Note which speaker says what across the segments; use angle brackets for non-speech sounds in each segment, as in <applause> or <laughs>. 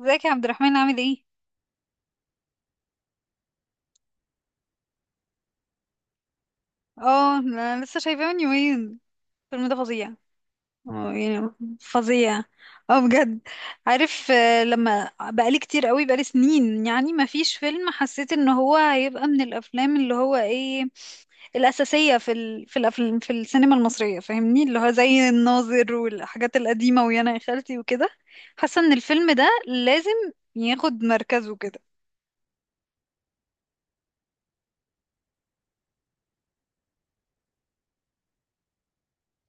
Speaker 1: ازيك يا عبد الرحمن عامل ايه؟ اه انا لسه شايفاه من يومين. الفيلم ده فظيع. اه يعني فظيع. اه بجد. عارف آه، لما بقالي كتير قوي بقالي سنين يعني ما فيش فيلم حسيت ان هو هيبقى من الافلام اللي هو ايه الاساسية في في الافلام في السينما المصرية، فاهمني، اللي هو زي الناظر والحاجات القديمة ويانا يا خالتي وكده. حاسة ان الفيلم ده لازم ياخد مركزه كده.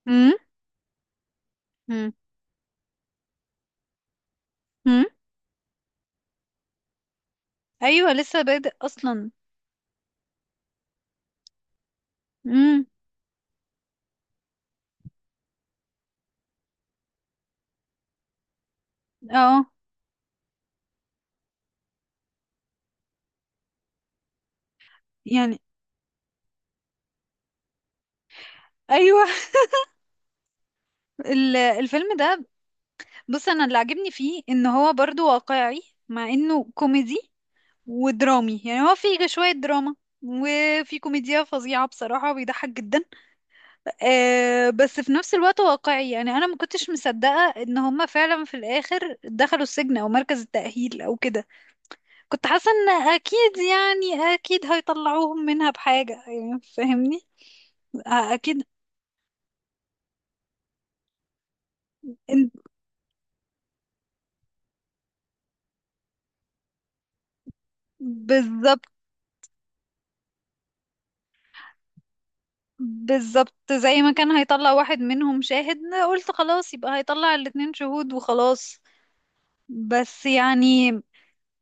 Speaker 1: امم امم. ايوه لسه بادئ اصلا. امم. اه يعني ايوه. <laughs> الفيلم ده، بص، انا اللي عجبني فيه ان هو برضو واقعي مع انه كوميدي ودرامي. يعني هو فيه شوية دراما وفي كوميديا فظيعة بصراحة، بيضحك جدا. آه بس في نفس الوقت واقعي. يعني انا ما كنتش مصدقة ان هما فعلا في الاخر دخلوا السجن او مركز التأهيل او كده. كنت حاسة ان اكيد، يعني اكيد هيطلعوهم منها بحاجة، يعني فاهمني. أ- اكيد. إن- بالظبط. بالظبط، زي ما كان هيطلع واحد منهم شاهد قلت خلاص يبقى هيطلع الاتنين شهود وخلاص. بس يعني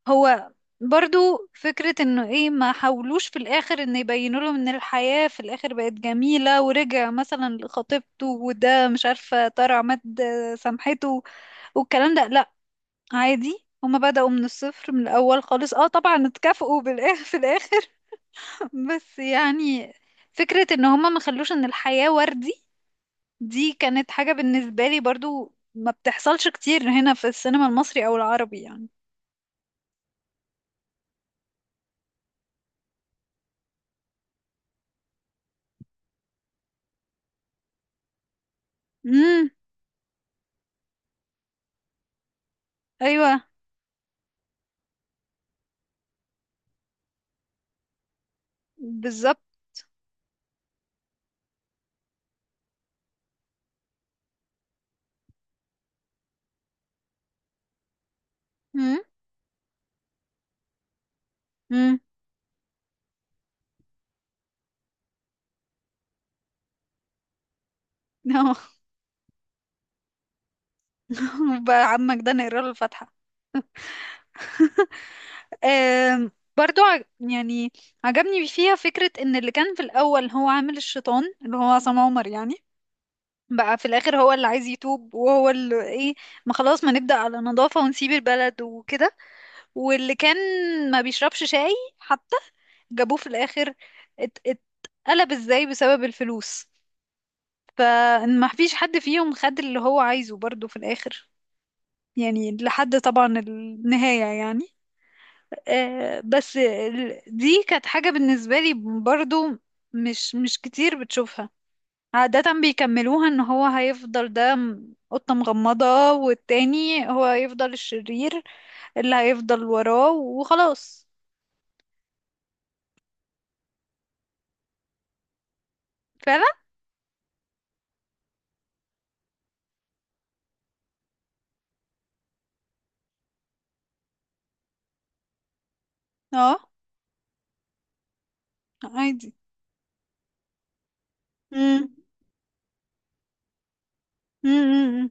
Speaker 1: هو برضو فكرة انه ايه، ما حاولوش في الاخر ان يبينوا لهم ان الحياة في الاخر بقت جميلة ورجع مثلا لخطيبته وده مش عارفة طارع مد سامحته والكلام ده، لا. عادي هما بدأوا من الصفر من الاول خالص. اه طبعا اتكافئوا بالاخر في الاخر. <laughs> بس يعني فكرة ان هما ما خلوش ان الحياة وردي، دي كانت حاجة بالنسبة لي برضو ما بتحصلش كتير هنا في السينما المصري او العربي يعني. امم. ايوه بالظبط. امم. امم. <laughs> بقى عمك ده نقرا له الفاتحة. <laughs> آم، برضو يعني عجبني فيها فكرة ان اللي كان في الاول هو عامل الشيطان، اللي هو عصام عمر يعني، بقى في الاخر هو اللي عايز يتوب وهو اللي ايه، ما خلاص ما نبدأ على نظافة ونسيب البلد وكده. واللي كان ما بيشربش شاي حتى جابوه في الاخر، اتقلب ازاي بسبب الفلوس. فما فيش حد فيهم خد اللي هو عايزه برضو في الاخر، يعني لحد طبعا النهاية يعني. آه، بس دي كانت حاجة بالنسبة لي برضو مش كتير بتشوفها. عادة بيكملوها ان هو هيفضل ده قطة مغمضة والتاني هو هيفضل الشرير اللي هيفضل وراه وخلاص. فعلا. اه. عادي. امم.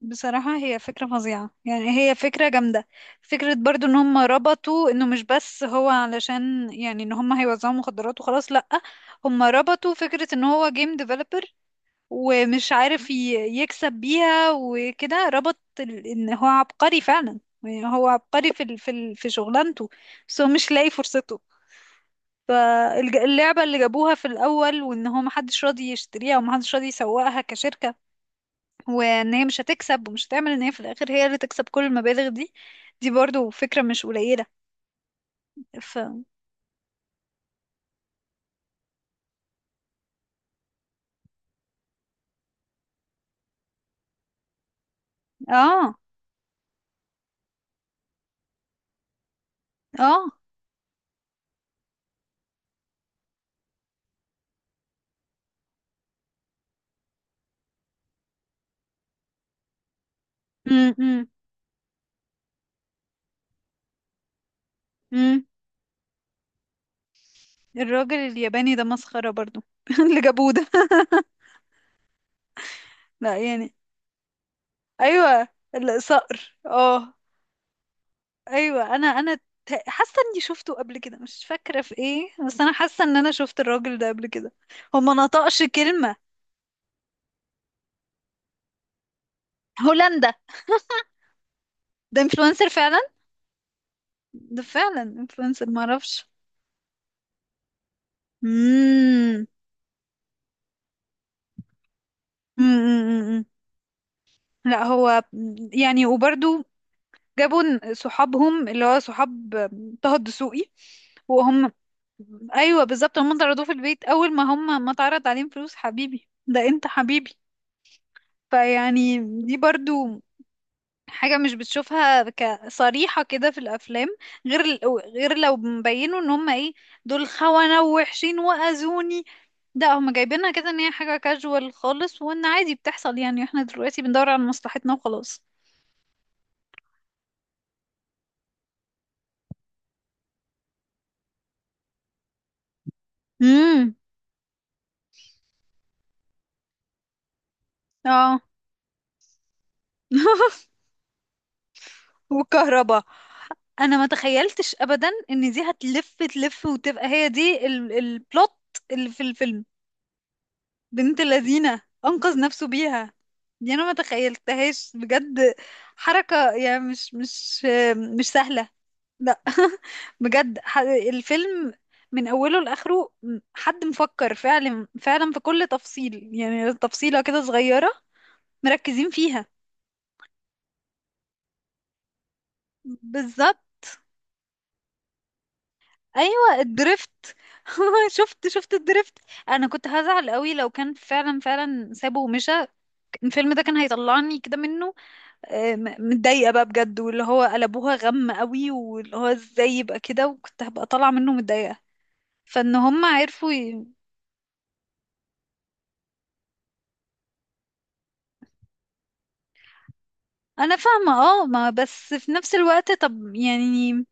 Speaker 1: بصراحة هي فكرة فظيعة، يعني هي فكرة جامدة. فكرة برضو ان هم ربطوا انه مش بس هو علشان يعني ان هم هيوزعوا مخدرات وخلاص، لأ، هم ربطوا فكرة ان هو جيم ديفلوبر ومش عارف يكسب بيها وكده. ربط ان هو عبقري فعلا، يعني هو عبقري في شغلانته بس هو مش لاقي فرصته. فاللعبة اللي جابوها في الأول وإن هو محدش راضي يشتريها ومحدش راضي يسوقها كشركة وان هي مش هتكسب ومش هتعمل، ان هي في الاخر هي اللي تكسب كل المبالغ دي، دي برضو فكرة مش قليلة. ف اه. اه. امم أمم. الراجل الياباني ده مسخرة برضو. <laughs> اللي جابوه ده، لا يعني. ايوه الصقر، اه. ايوه، انا حاسه اني شفته قبل كده، مش فاكره في ايه، بس انا حاسه ان انا شفت الراجل ده قبل كده، هو ما نطقش كلمه. هولندا. <laughs> ده انفلونسر فعلا. ده فعلا انفلونسر، ما اعرفش. أمم أمم. لا هو يعني. وبرضو جابوا صحابهم، اللي هو صحاب طه الدسوقي. وهم ايوه بالظبط، هم طردوه في البيت اول ما هم ما اتعرض عليهم فلوس، حبيبي ده انت حبيبي. فيعني دي برضو حاجة مش بتشوفها كصريحة كده في الأفلام، غير غير لو مبينوا ان هم ايه، دول خونة ووحشين وأذوني. ده هم جايبينها كده ان هي حاجة كاجوال خالص وان عادي بتحصل، يعني احنا دلوقتي بندور على مصلحتنا وخلاص. امم. اه. <laughs> والكهرباء، انا ما تخيلتش ابدا ان دي هتلف تلف وتبقى هي دي البلوت اللي في الفيلم. بنت لذينة انقذ نفسه بيها. دي انا ما تخيلتهاش بجد. حركة يعني مش سهلة، لا. <laughs> بجد الفيلم من اوله لاخره، حد مفكر فعلا فعلا في كل تفصيل، يعني تفصيلة كده صغيرة مركزين فيها. بالظبط. ايوه الدريفت. <laughs> شفت الدريفت. انا كنت هزعل قوي لو كان فعلا فعلا سابه ومشى. الفيلم ده كان هيطلعني كده منه، آه، متضايقه بقى بجد واللي هو قلبوها غم قوي، واللي هو ازاي يبقى كده، وكنت هبقى طالعه منه متضايقه. فان هم عرفوا ي... انا فاهمه اه ما بس في نفس الوقت، طب يعني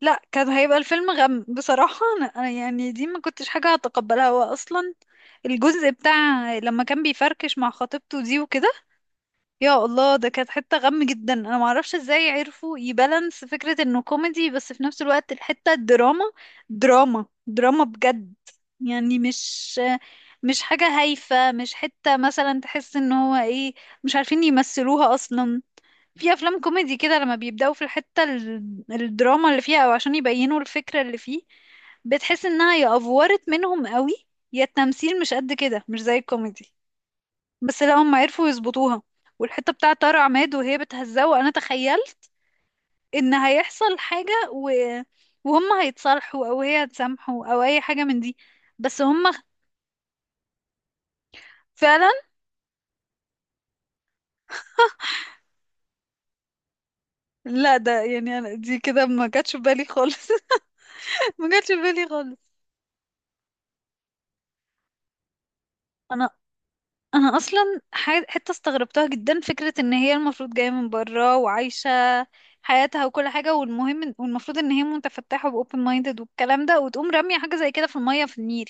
Speaker 1: لا، كان هيبقى الفيلم غم بصراحه. انا يعني دي ما كنتش حاجه هتقبلها. هو اصلا الجزء بتاع لما كان بيفركش مع خطيبته دي وكده، يا الله، ده كانت حتة غم جدا. انا معرفش ازاي عرفوا يبالانس فكرة انه كوميدي بس في نفس الوقت الحتة الدراما. دراما بجد. يعني مش حاجة هايفة، مش حتة مثلا تحس ان هو ايه، مش عارفين يمثلوها اصلا. في افلام كوميدي كده لما بيبدأوا في الحتة الدراما اللي فيها او عشان يبينوا الفكرة اللي فيه، بتحس انها يا افورت منهم قوي يا التمثيل مش قد كده، مش زي الكوميدي. بس لا، هم عرفوا يظبطوها. والحتة بتاعة طارق عماد وهي بتهزقه، انا تخيلت ان هيحصل حاجة و... وهم هيتصالحوا او هي هتسامحه او اي حاجة من دي، بس هم فعلا لا. ده يعني انا دي كده ما جاتش في بالي خالص. <laughs> ما جاتش في بالي خالص. انا انا اصلا حتة استغربتها جدا، فكرة ان هي المفروض جاية من برا وعايشة حياتها وكل حاجة، والمهم والمفروض ان هي متفتحة و open minded والكلام ده، وتقوم رامية حاجة زي كده في المية في النيل.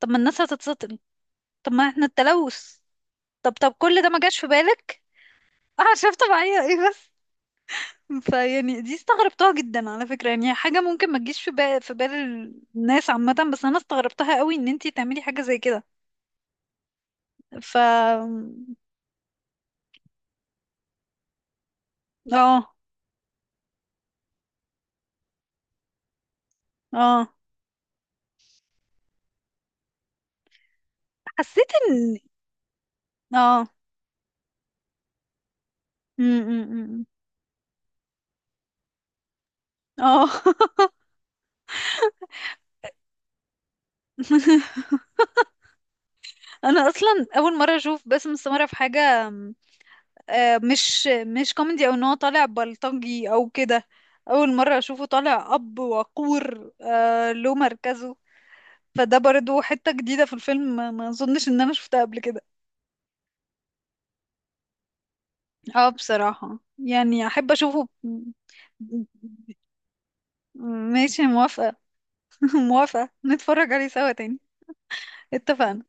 Speaker 1: طب ما الناس هتتسطل، طب ما احنا التلوث، طب طب كل ده ما جاش في بالك؟ <laughs> اعشاب طبيعية ايه بس. فيعني دي استغربتها جدا على فكرة، يعني حاجة ممكن ما تجيش في بال في بال الناس عامة، بس انا استغربتها قوي ان انتي تعملي حاجة زي كده. ف اه. اه. حسيت ان اه م- م- م- م. اه. <laughs> انا اصلا اول مرة اشوف باسم السمرة في حاجة، آه، مش كوميدي او ان هو طالع بلطجي او كده. اول مره اشوفه طالع اب وقور، آه، له مركزه. فده برضو حته جديده في الفيلم، ما اظنش ان انا شفتها قبل كده. اه بصراحه يعني احب اشوفه ماشي موافقه. <laughs> موافقه نتفرج عليه سوا تاني. اتفقنا.